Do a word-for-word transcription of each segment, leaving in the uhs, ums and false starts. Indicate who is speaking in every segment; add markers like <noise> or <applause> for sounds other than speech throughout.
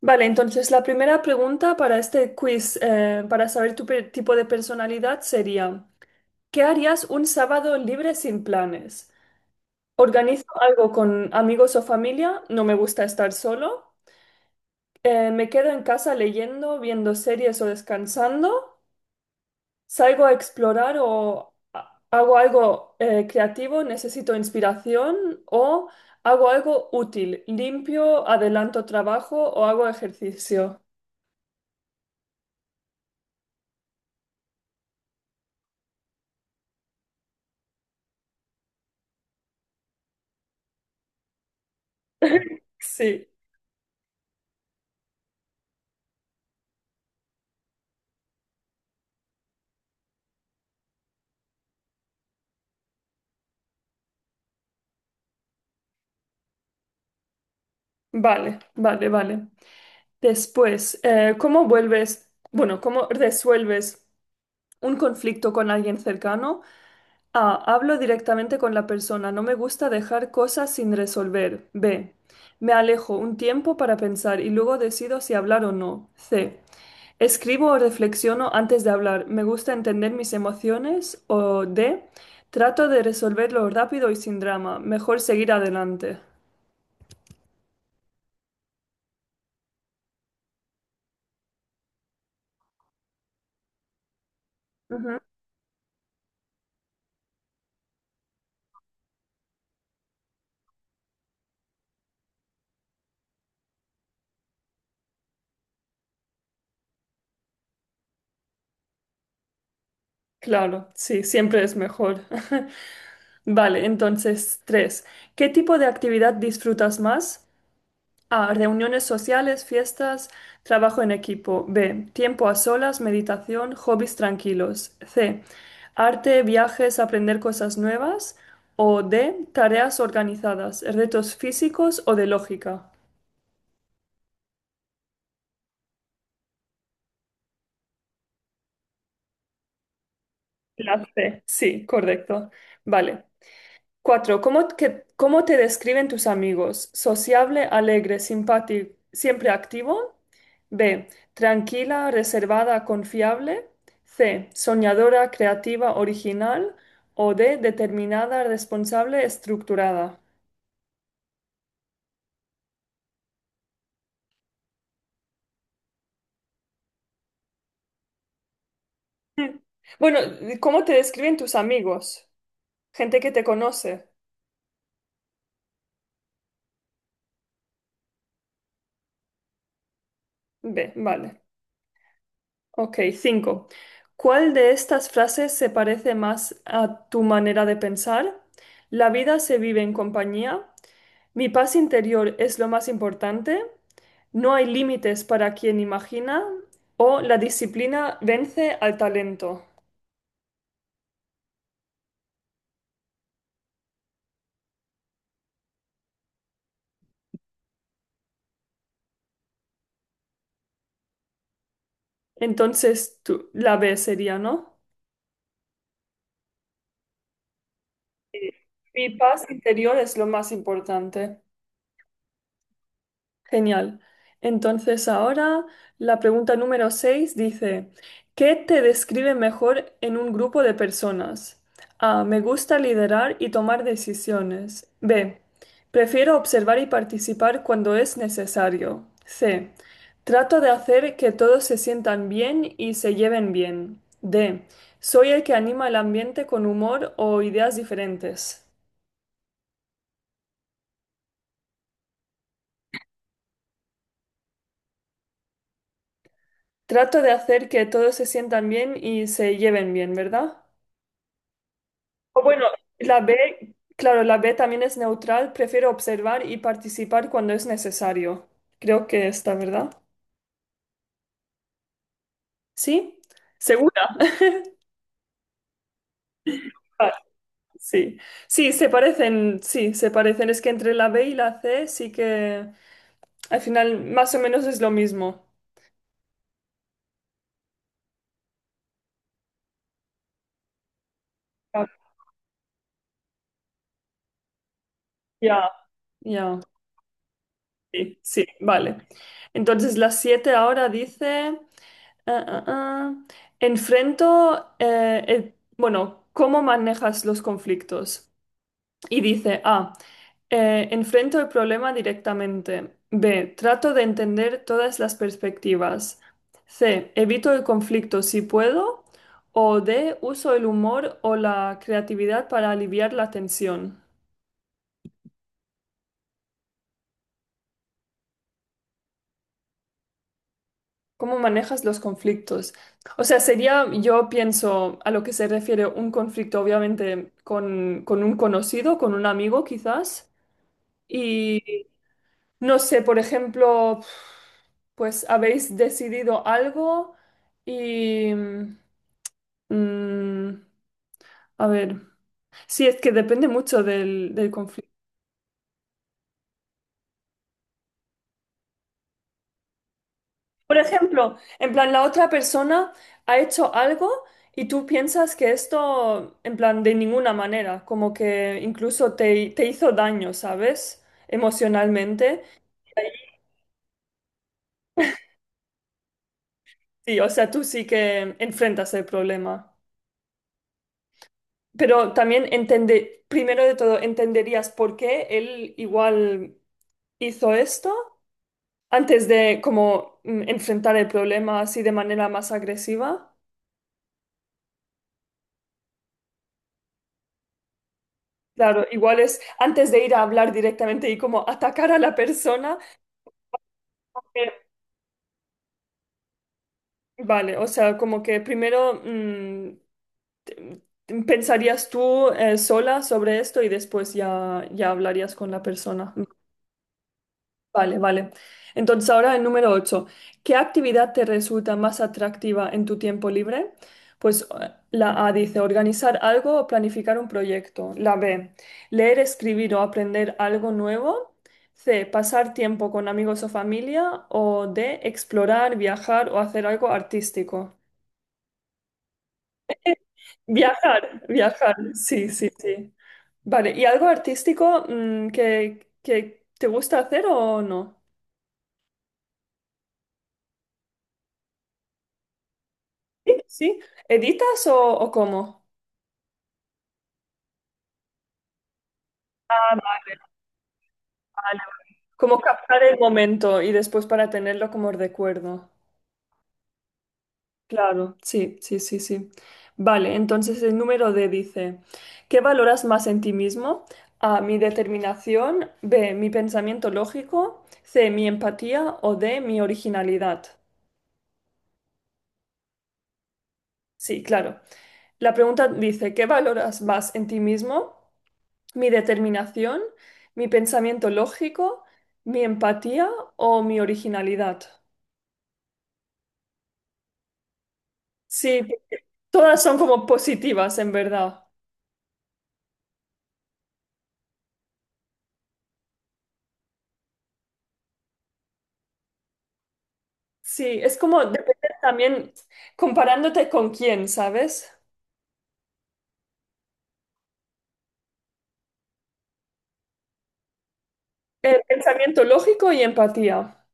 Speaker 1: Vale, entonces la primera pregunta para este quiz, eh, para saber tu pe- tipo de personalidad sería, ¿qué harías un sábado libre sin planes? ¿Organizo algo con amigos o familia? No me gusta estar solo. Eh, ¿me quedo en casa leyendo, viendo series o descansando? ¿Salgo a explorar o ha- hago algo eh, creativo? ¿Necesito inspiración? ¿O hago algo útil? ¿Limpio, adelanto trabajo o hago ejercicio? <laughs> Sí. Vale, vale, vale. Después, eh, ¿cómo vuelves, bueno, cómo resuelves un conflicto con alguien cercano? A, hablo directamente con la persona, no me gusta dejar cosas sin resolver. B, me alejo un tiempo para pensar y luego decido si hablar o no. C, escribo o reflexiono antes de hablar, me gusta entender mis emociones. O D, trato de resolverlo rápido y sin drama, mejor seguir adelante. Ujú. Claro, sí, siempre es mejor. <laughs> Vale, entonces, tres. ¿Qué tipo de actividad disfrutas más? A. Reuniones sociales, fiestas, trabajo en equipo. B. Tiempo a solas, meditación, hobbies tranquilos. C. Arte, viajes, aprender cosas nuevas. O D. Tareas organizadas, retos físicos o de lógica. La C. Sí, correcto. Vale. Cuatro, ¿cómo, que- cómo te describen tus amigos? Sociable, alegre, simpático, siempre activo. B, tranquila, reservada, confiable. C, soñadora, creativa, original. O D, determinada, responsable, estructurada. Hmm. Bueno, ¿cómo te describen tus amigos? Gente que te conoce. B, vale. Ok, cinco. ¿Cuál de estas frases se parece más a tu manera de pensar? La vida se vive en compañía. Mi paz interior es lo más importante. No hay límites para quien imagina. O la disciplina vence al talento. Entonces, tú- la B sería, ¿no? Sí. Mi paz interior es lo más importante. Genial. Entonces ahora la pregunta número seis dice, ¿qué te describe mejor en un grupo de personas? A, me gusta liderar y tomar decisiones. B, prefiero observar y participar cuando es necesario. C, trato de hacer que todos se sientan bien y se lleven bien. D, soy el que anima el ambiente con humor o ideas diferentes. Trato de hacer que todos se sientan bien y se lleven bien, ¿verdad? O bueno, la B, claro, la B también es neutral, prefiero observar y participar cuando es necesario. Creo que está, ¿verdad? ¿Sí? ¿Segura? <laughs> Ah, sí. Sí, se parecen, sí, se parecen. Es que entre la B y la C sí que al final más o menos es lo mismo. Ah, ya, ya. Sí, sí, vale. Entonces las siete ahora dice, ah, ah, ah, enfrento, eh, el- bueno, ¿cómo manejas los conflictos? Y dice, A, eh, enfrento el problema directamente. B, trato de entender todas las perspectivas. C, evito el conflicto si puedo. O D, uso el humor o la creatividad para aliviar la tensión. ¿Cómo manejas los conflictos? O sea, sería, yo pienso, a lo que se refiere un conflicto, obviamente, con, con un conocido, con un amigo quizás. No sé, por ejemplo, pues habéis decidido algo y... mm, a ver, sí, es que depende mucho del, del conflicto. Por ejemplo, en plan, la otra persona ha hecho algo y tú piensas que esto, en plan, de ninguna manera, como que incluso te, te hizo daño, ¿sabes? Emocionalmente. Sí, o sea, tú sí que enfrentas el problema. Pero también entender, primero de todo, entenderías por qué él igual hizo esto antes de como mm, enfrentar el problema así de manera más agresiva. Claro, igual es antes de ir a hablar directamente y como atacar a la persona. eh, Vale, o sea, como que primero mm, te- mm, pensarías tú eh, sola sobre esto y después ya, ya hablarías con la persona. Vale, vale. Entonces ahora el número ocho. ¿Qué actividad te resulta más atractiva en tu tiempo libre? Pues eh, la A dice organizar algo o planificar un proyecto. La B, leer, escribir o aprender algo nuevo. C, pasar tiempo con amigos o familia. O D, explorar, viajar o hacer algo artístico. <laughs> Viajar, viajar, sí, sí, sí. Vale, ¿y algo artístico mm, que, que te gusta hacer o no? Sí, sí. ¿Editas o, o cómo? Ah, vale, vale. Como captar el momento y después para tenerlo como recuerdo. Claro, sí, sí, sí, sí. Vale, entonces el número D dice, ¿qué valoras más en ti mismo? A, mi determinación, B, mi pensamiento lógico, C, mi empatía o D, mi originalidad. Sí, claro. La pregunta dice, ¿qué valoras más en ti mismo? Mi determinación, mi pensamiento lógico, mi empatía o mi originalidad. Sí, porque todas son como positivas en verdad. Sí, es como depende también comparándote con quién, ¿sabes? El pensamiento lógico y empatía.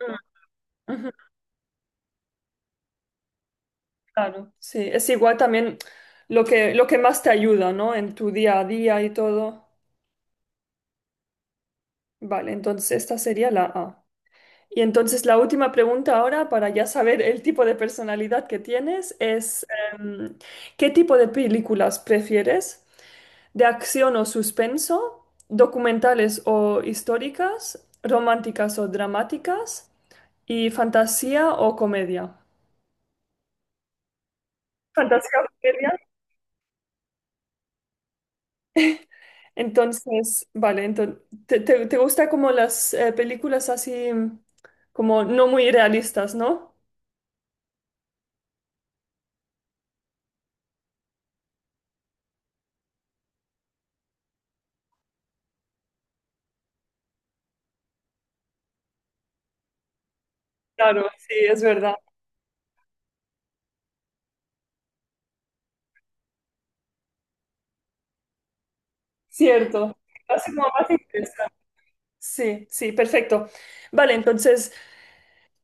Speaker 1: Mm, ujú, claro, sí, es igual también lo que, lo que más te ayuda, ¿no? En tu día a día y todo. Vale, entonces esta sería la A. Y entonces la última pregunta ahora, para ya saber el tipo de personalidad que tienes, es em, ¿qué tipo de películas prefieres? ¿De acción o suspenso? ¿Documentales o históricas? ¿Románticas o dramáticas? ¿Y fantasía o comedia? ¿Fantasía o comedia? Entonces, vale, entonces, ¿te, te- te gusta como las eh, películas así como no muy realistas, no? Claro, sí, es verdad. Cierto. Así como más interesante. Sí, sí, perfecto. Vale, entonces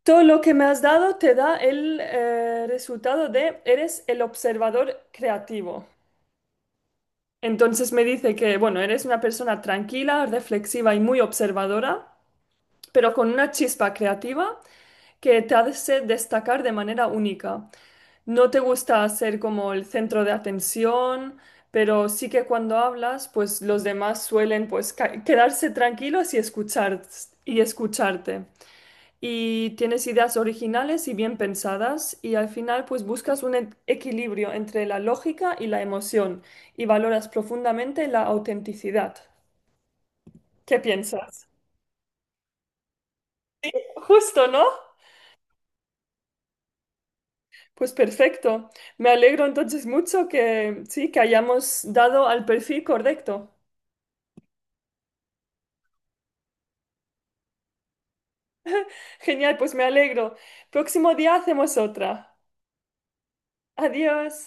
Speaker 1: todo lo que me has dado te da el eh, resultado de eres el observador creativo. Entonces me dice que, bueno, eres una persona tranquila, reflexiva y muy observadora, pero con una chispa creativa que te hace destacar de manera única. No te gusta ser como el centro de atención, pero sí que cuando hablas, pues los demás suelen pues ca- quedarse tranquilos y escuchar y escucharte. Y tienes ideas originales y bien pensadas y al final pues buscas un e- equilibrio entre la lógica y la emoción y valoras profundamente la autenticidad. ¿Qué piensas? Justo, ¿no? Pues perfecto. Me alegro entonces mucho que sí, que hayamos dado al perfil correcto. Genial, pues me alegro. Próximo día hacemos otra. Adiós.